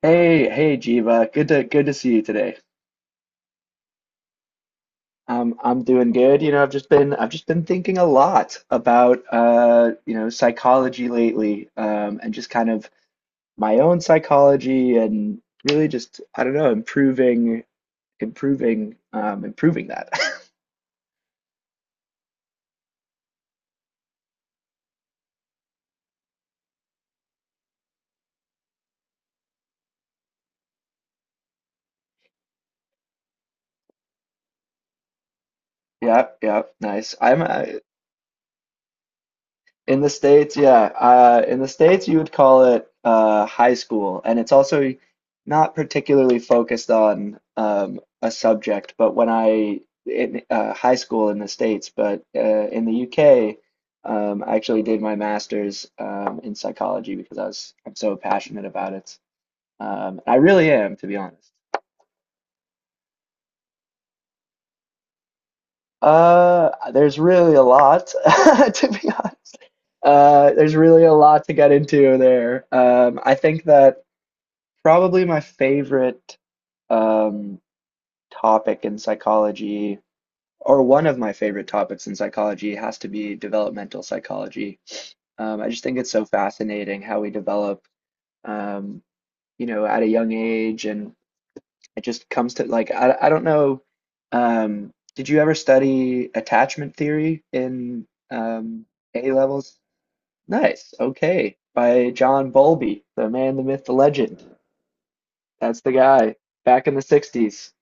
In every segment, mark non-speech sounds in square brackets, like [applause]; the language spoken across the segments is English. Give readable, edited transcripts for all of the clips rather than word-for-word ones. Hey, hey, Jiva. Good to see you today. I'm doing good. You know, I've just been thinking a lot about you know, psychology lately, and just kind of my own psychology and really just I don't know, improving, improving, improving that. [laughs] Yeah, yeah, nice. I'm in the States, yeah. In the States, you would call it high school, and it's also not particularly focused on a subject. But when I in high school in the States, but in the UK, I actually did my master's in psychology because I'm so passionate about it. I really am, to be honest. There's really a lot, [laughs] to be honest. There's really a lot to get into there. I think that probably my favorite um, topic in psychology, or one of my favorite topics in psychology, has to be developmental psychology. I just think it's so fascinating how we develop, um, you know, at a young age, and it just comes to like I don't know. Did you ever study attachment theory in um, A levels? Nice. Okay. By John Bowlby, the man, the myth, the legend. That's the guy back in the 60s.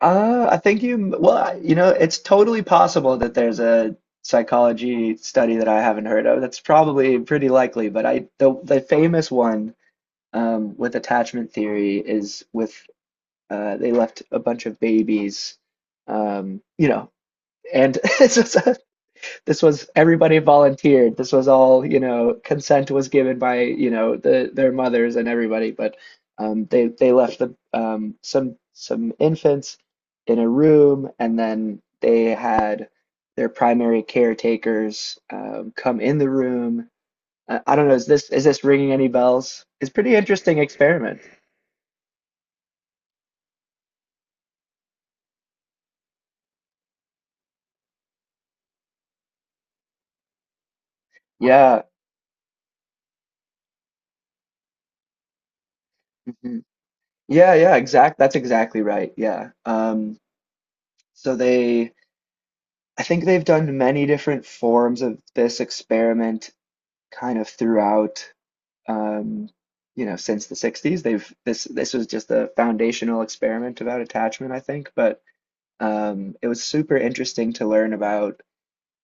I think you, well, you know, it's totally possible that there's a psychology study that I haven't heard of. That's probably pretty likely, but the famous one, with attachment theory is with, they left a bunch of babies, you know, and [laughs] it's just, this was everybody volunteered. This was all, you know, consent was given by, you know, their mothers and everybody, but they left the some infants in a room, and then they had their primary caretakers come in the room. I don't know, is this ringing any bells? It's a pretty interesting experiment. Yeah. Mhm. Yeah, yeah, exact. that's exactly right. Yeah. So they I think they've done many different forms of this experiment kind of throughout, um, you know, since the 60s. They've this was just a foundational experiment about attachment, I think, but it was super interesting to learn about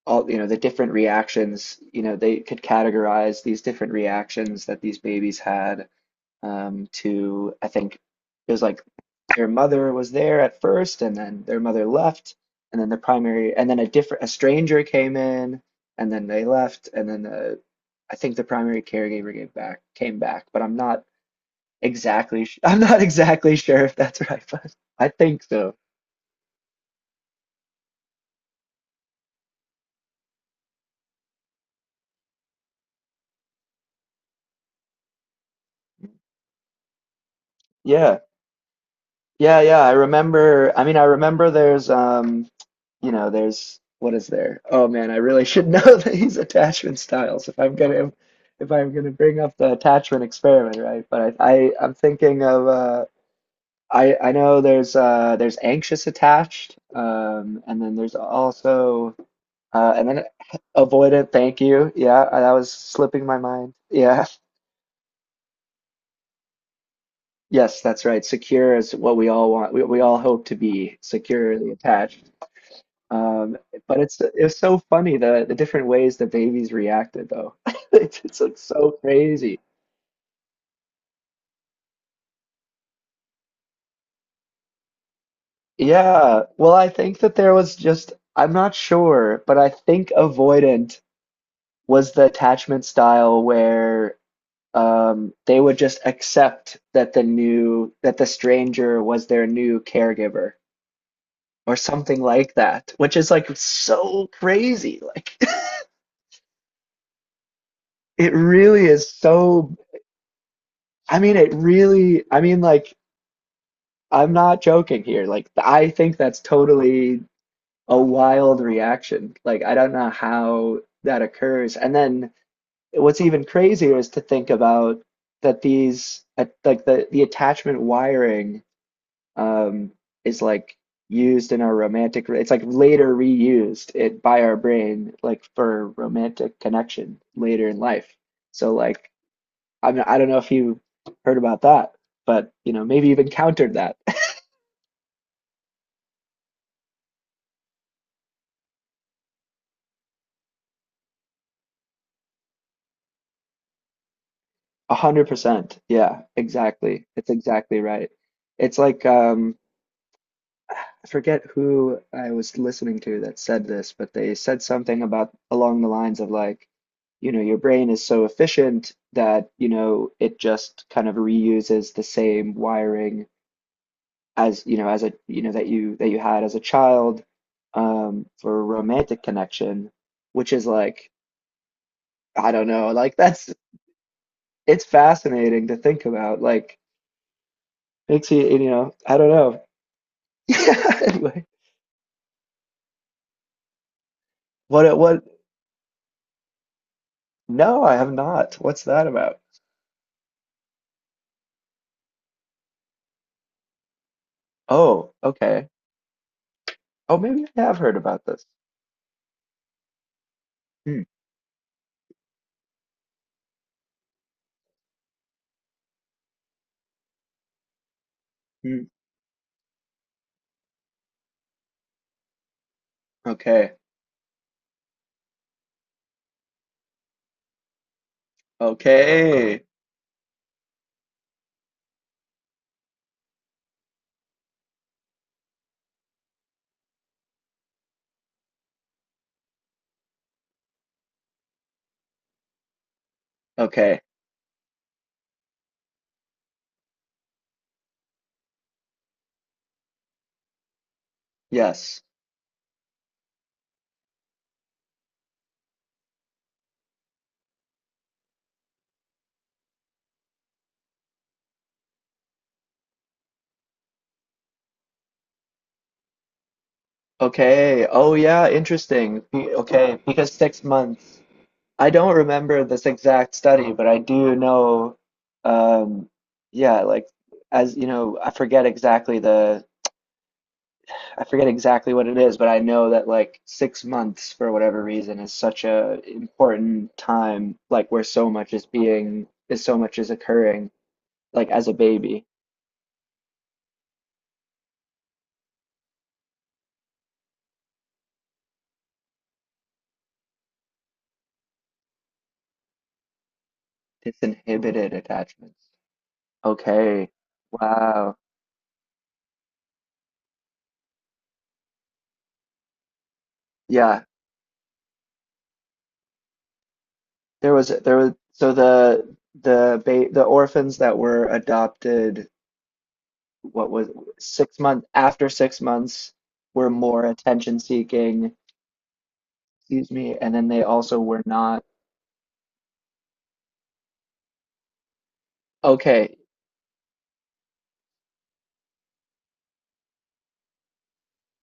all, you know, the different reactions. You know, they could categorize these different reactions that these babies had to I think it was like their mother was there at first, and then their mother left, and then a different a stranger came in, and then they left, and then the I think the primary caregiver gave back came back, but I'm not exactly sh [laughs] I'm not exactly sure if that's right, [laughs] but I think so. Yeah, yeah, yeah. I remember. I mean, I remember there's you know, there's what is there? Oh man, I really should know [laughs] these attachment styles if I'm gonna bring up the attachment experiment, right? But I'm thinking of I know there's anxious attached, and then there's also and then avoidant. Thank you. Yeah, that was slipping my mind. Yeah, [laughs] yes, that's right. Secure is what we all want. We all hope to be securely attached. Um, but it's so funny the different ways that babies reacted though. [laughs] It's like so crazy. Yeah. Well, I think that there was just I'm not sure, but I think avoidant was the attachment style where they would just accept that the stranger was their new caregiver or something like that, which is like so crazy. Like [laughs] it really is so I mean, it really, I mean, like I'm not joking here. Like, I think that's totally a wild reaction. Like, I don't know how that occurs. And then what's even crazier is to think about that these, like the attachment wiring, um, is like used in our romantic. It's like later reused it by our brain, like for romantic connection later in life. So like, I don't know if you heard about that, but you know, maybe you've encountered that. 100%. Yeah, exactly. It's exactly right. It's like I forget who I was listening to that said this, but they said something about along the lines of like, you know, your brain is so efficient that, you know, it just kind of reuses the same wiring as, you know, as a, you know, that you had as a child for romantic connection, which is like, I don't know, like that's it's fascinating to think about. Like makes you, you know, I don't know. [laughs] Yeah, anyway. What? No, I have not. What's that about? Oh, okay. Oh, maybe I have heard about this. Hmm. Hmm. Okay. Okay. Okay. Yes. Okay. Oh yeah, interesting. Be- Okay, because 6 months. I don't remember this exact study, but I do know um yeah, like as you know, I forget exactly the I forget exactly what it is, but I know that like 6 months for whatever reason is such a important time, like where so much is being is so much is occurring, like as a baby. Disinhibited attachments. Okay. Wow. Yeah. There was so the orphans that were adopted what was 6 months after 6 months were more attention seeking, excuse me, and then they also were not okay.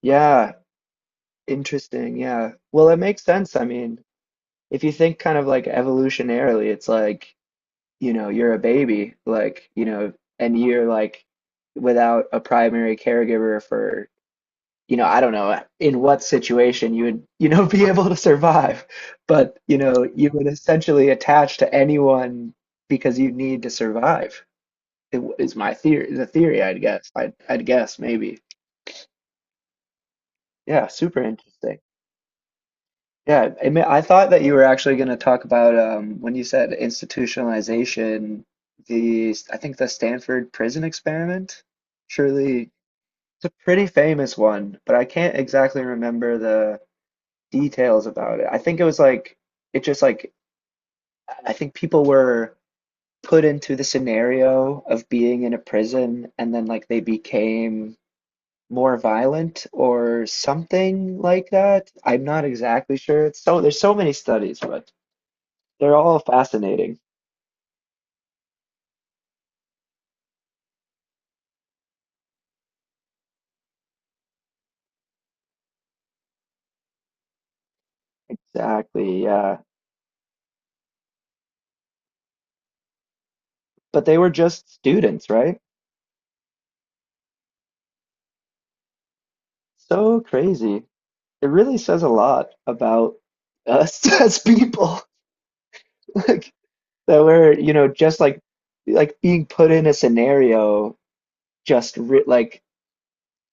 Yeah, interesting, yeah. Well, it makes sense. I mean, if you think kind of like evolutionarily, it's like, you know, you're a baby, like, you know, and you're like without a primary caregiver for, you know, I don't know in what situation you would, you know, [laughs] be able to survive. But, you know, you would essentially attach to anyone because you need to survive. Is my theory, the theory, I'd guess. I'd guess maybe. Yeah, super interesting. Yeah, I mean, I thought that you were actually going to talk about when you said institutionalization, the I think the Stanford prison experiment. Surely it's a pretty famous one, but I can't exactly remember the details about it. I think it was like it just like I think people were put into the scenario of being in a prison and then like they became more violent or something like that. I'm not exactly sure. It's so there's so many studies, but they're all fascinating. Exactly. Yeah. But they were just students, right? So crazy. It really says a lot about us [laughs] as people. [laughs] Like that we're, you know, just like being put in a scenario just re like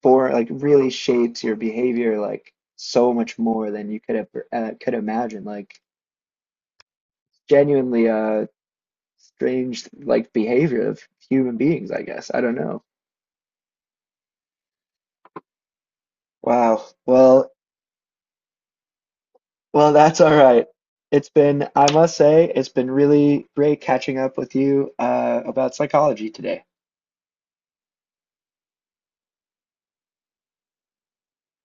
for like really shapes your behavior like so much more than you could ever could imagine. Like genuinely strange like behavior of human beings, I guess. I don't know. Wow. Well, well, that's all right. It's been, I must say, it's been really great catching up with you about psychology today.